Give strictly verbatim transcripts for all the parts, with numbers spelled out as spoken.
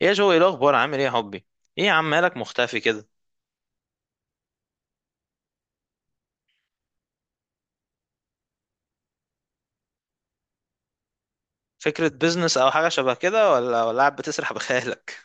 يا جو، ايه الاخبار؟ عامل ايه يا حبي؟ ايه يا عم، مالك مختفي كده؟ فكرة بيزنس او حاجة شبه كده ولا ولا قاعد بتسرح بخيالك؟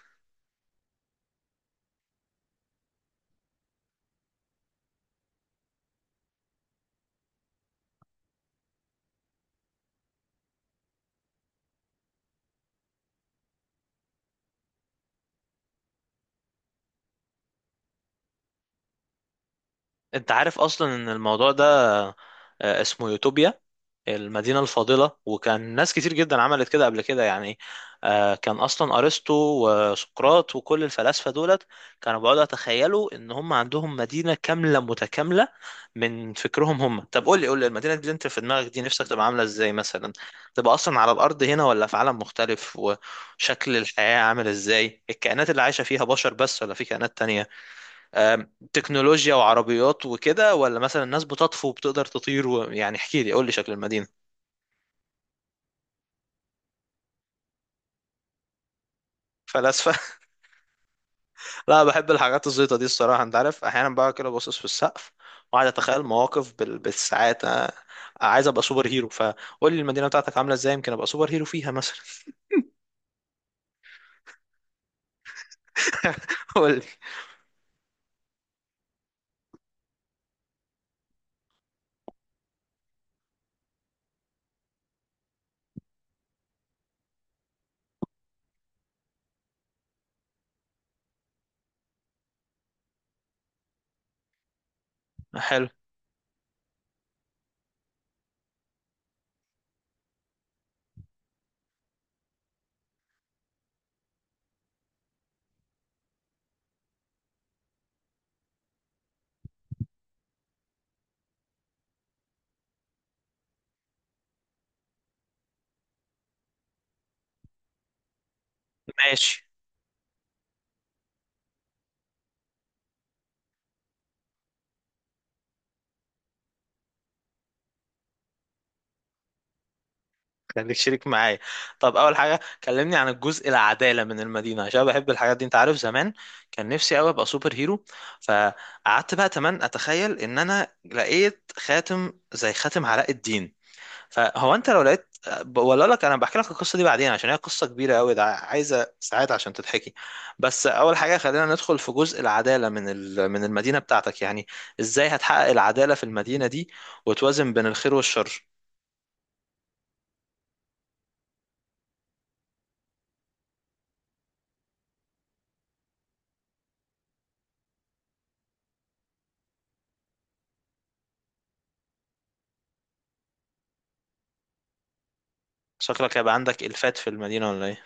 انت عارف اصلا ان الموضوع ده آه، اسمه يوتوبيا، المدينة الفاضلة، وكان ناس كتير جدا عملت كده قبل كده يعني. آه، كان أصلا أرسطو وسقراط وكل الفلاسفة دولت كانوا بيقعدوا يتخيلوا إن هم عندهم مدينة كاملة متكاملة من فكرهم هم. طب قول لي، قول لي المدينة دي أنت في دماغك دي نفسك تبقى عاملة إزاي مثلا؟ تبقى أصلا على الأرض هنا ولا في عالم مختلف؟ وشكل الحياة عامل إزاي؟ الكائنات اللي عايشة فيها بشر بس ولا في كائنات تانية؟ آم، تكنولوجيا وعربيات وكده ولا مثلا الناس بتطفو وبتقدر تطير و... يعني احكي لي، قول لي شكل المدينة. فلاسفة. لا، بحب الحاجات الزيطة دي الصراحة. انت عارف احيانا بقى كده باصص في السقف وقاعد اتخيل مواقف بال... بالساعات. أنا عايز ابقى سوبر هيرو، فقول لي المدينة بتاعتك عاملة ازاي يمكن ابقى سوبر هيرو فيها مثلا. قول لي. حلو. ماشي. خليك شريك معايا. طب اول حاجة، كلمني عن الجزء العدالة من المدينة عشان بحب الحاجات دي. انت عارف زمان كان نفسي قوي ابقى سوبر هيرو، فقعدت بقى تمام اتخيل ان انا لقيت خاتم زي خاتم علاء الدين. فهو انت لو لقيت ب- ولا أقول لك، انا بحكي لك القصه دي بعدين عشان هي قصه كبيره قوي، ده عايزه ساعات عشان تتحكي. بس اول حاجه، خلينا ندخل في جزء العداله من ال- من المدينه بتاعتك يعني. ازاي هتحقق العداله في المدينه دي وتوازن بين الخير والشر؟ شكلك هيبقى عندك الفات في المدينه ولا ايه؟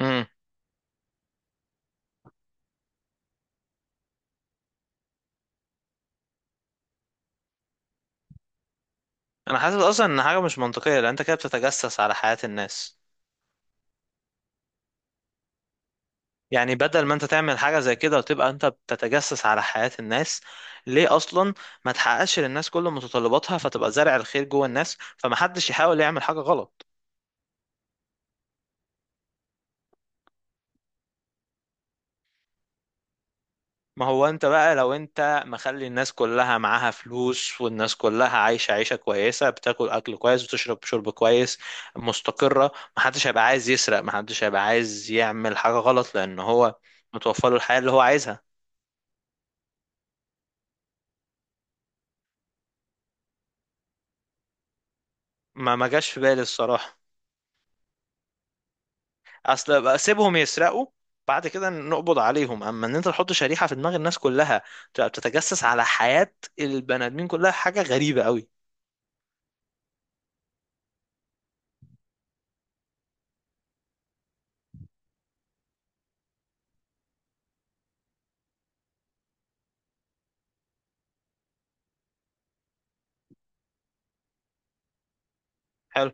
امم. انا حاسس اصلا ان حاجه مش منطقيه لان انت كده بتتجسس على حياه الناس. يعني بدل ما انت تعمل حاجة زي كده وتبقى انت بتتجسس على حياة الناس، ليه اصلا ما تحققش للناس كل متطلباتها فتبقى زارع الخير جوه الناس فمحدش يحاول يعمل حاجة غلط؟ ما هو انت بقى لو انت مخلي الناس كلها معاها فلوس والناس كلها عايشة عيشة كويسة، بتاكل اكل كويس وتشرب شرب كويس، مستقرة، محدش هيبقى عايز يسرق، محدش هيبقى عايز يعمل حاجة غلط لان هو متوفر له الحياة اللي هو عايزها. ما ما جاش في بالي الصراحة. اصل بقى سيبهم يسرقوا بعد كده نقبض عليهم. اما ان انت تحط شريحة في دماغ الناس كلها تبقى بتتجسس على حياة البني ادمين كلها، حاجة غريبة قوي. حلو.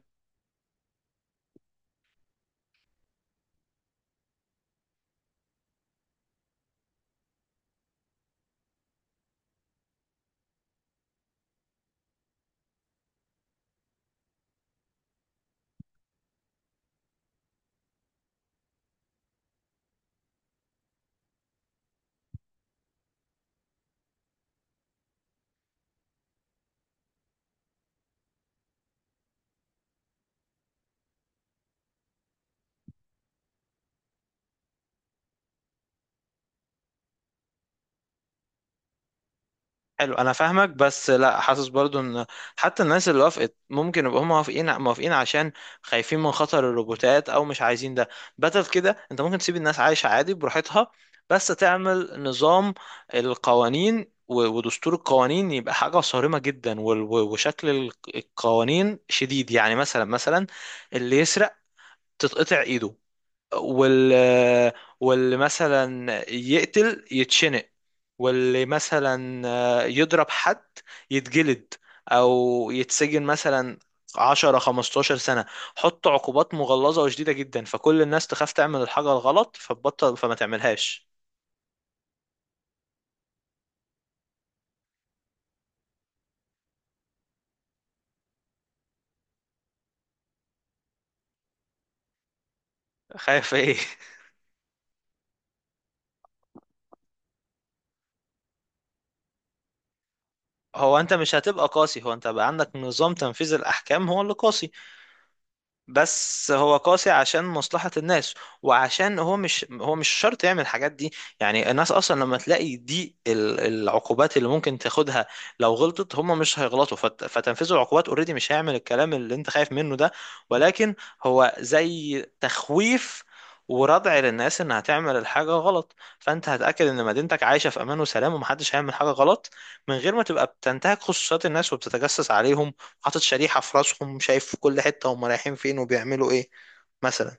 حلو، انا فاهمك بس لا، حاسس برضو ان حتى الناس اللي وافقت ممكن يبقوا هم موافقين موافقين عشان خايفين من خطر الروبوتات او مش عايزين ده. بدل كده انت ممكن تسيب الناس عايشة عادي براحتها، بس تعمل نظام القوانين و- ودستور القوانين يبقى حاجة صارمة جدا، وال- و- وشكل ال- القوانين شديد. يعني مثلا مثلا اللي يسرق تتقطع ايده، وال واللي مثلا يقتل يتشنق، واللي مثلا يضرب حد يتجلد او يتسجن مثلا عشر 15 سنة. حط عقوبات مغلظة وشديدة جدا فكل الناس تخاف تعمل الحاجة الغلط فتبطل فما تعملهاش. خايف ايه؟ هو انت مش هتبقى قاسي، هو انت بقى عندك نظام تنفيذ الاحكام هو اللي قاسي. بس هو قاسي عشان مصلحة الناس، وعشان هو مش، هو مش شرط يعمل الحاجات دي. يعني الناس أصلا لما تلاقي دي ال- العقوبات اللي ممكن تاخدها لو غلطت، هم مش هيغلطوا، فت- فتنفيذ العقوبات اوريدي مش هيعمل الكلام اللي انت خايف منه ده. ولكن هو زي تخويف وردع للناس انها تعمل الحاجة غلط، فانت هتأكد ان مدينتك عايشة في امان وسلام ومحدش هيعمل حاجة غلط من غير ما تبقى بتنتهك خصوصيات الناس وبتتجسس عليهم، حاطط شريحة في راسهم، شايف في كل حتة هم رايحين فين وبيعملوا ايه مثلا.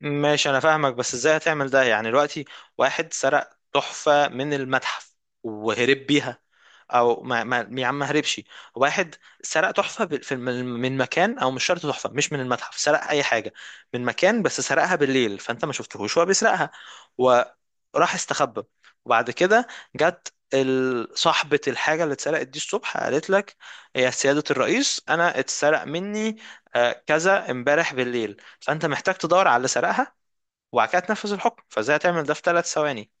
ماشي انا فاهمك بس ازاي هتعمل ده؟ يعني دلوقتي واحد سرق تحفة من المتحف وهرب بيها، او ما ما يا عم ما هربش، واحد سرق تحفة ب- في- من من مكان، او مش شرط تحفة مش من المتحف، سرق اي حاجة من مكان بس سرقها بالليل فانت ما شفتهوش وهو بيسرقها وراح استخبى. وبعد كده جت ال- صاحبة الحاجة اللي اتسرقت دي الصبح قالت لك: يا سيادة الرئيس، أنا اتسرق مني آه، كذا امبارح بالليل. فانت محتاج تدور على اللي سرقها وبعد كده تنفذ الحكم، فازاي هتعمل ده في ثلاث ثواني؟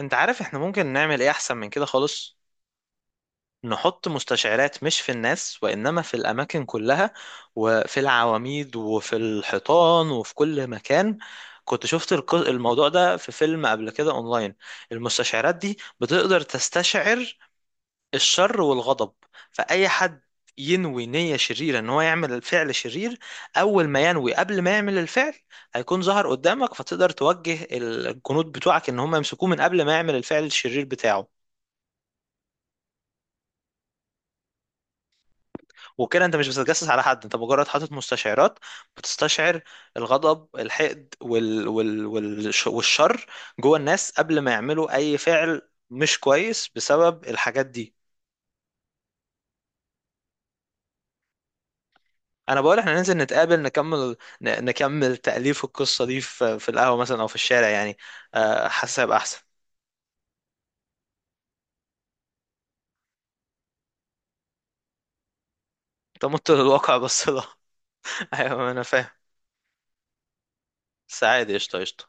انت عارف احنا ممكن نعمل ايه احسن من كده خالص؟ نحط مستشعرات مش في الناس وانما في الاماكن كلها وفي العواميد وفي الحيطان وفي كل مكان. كنت شفت الق- الموضوع ده في فيلم قبل كده اونلاين. المستشعرات دي بتقدر تستشعر الشر والغضب. فأي حد ينوي نية شريرة ان هو يعمل فعل شرير، اول ما ينوي قبل ما يعمل الفعل هيكون ظهر قدامك فتقدر توجه الجنود بتوعك ان هم يمسكوه من قبل ما يعمل الفعل الشرير بتاعه. وكده انت مش بتتجسس على حد، انت مجرد حاطط مستشعرات بتستشعر الغضب، الحقد، وال... وال... وال... والشر جوه الناس قبل ما يعملوا اي فعل مش كويس بسبب الحاجات دي. انا بقول احنا ننزل نتقابل نكمل، ن- نكمل تأليف القصة دي في في القهوة مثلا او في الشارع يعني. آه، حاسس هيبقى احسن. انت مت للواقع بس لا. ايوه انا فاهم. سعيد. قشطة، قشطة.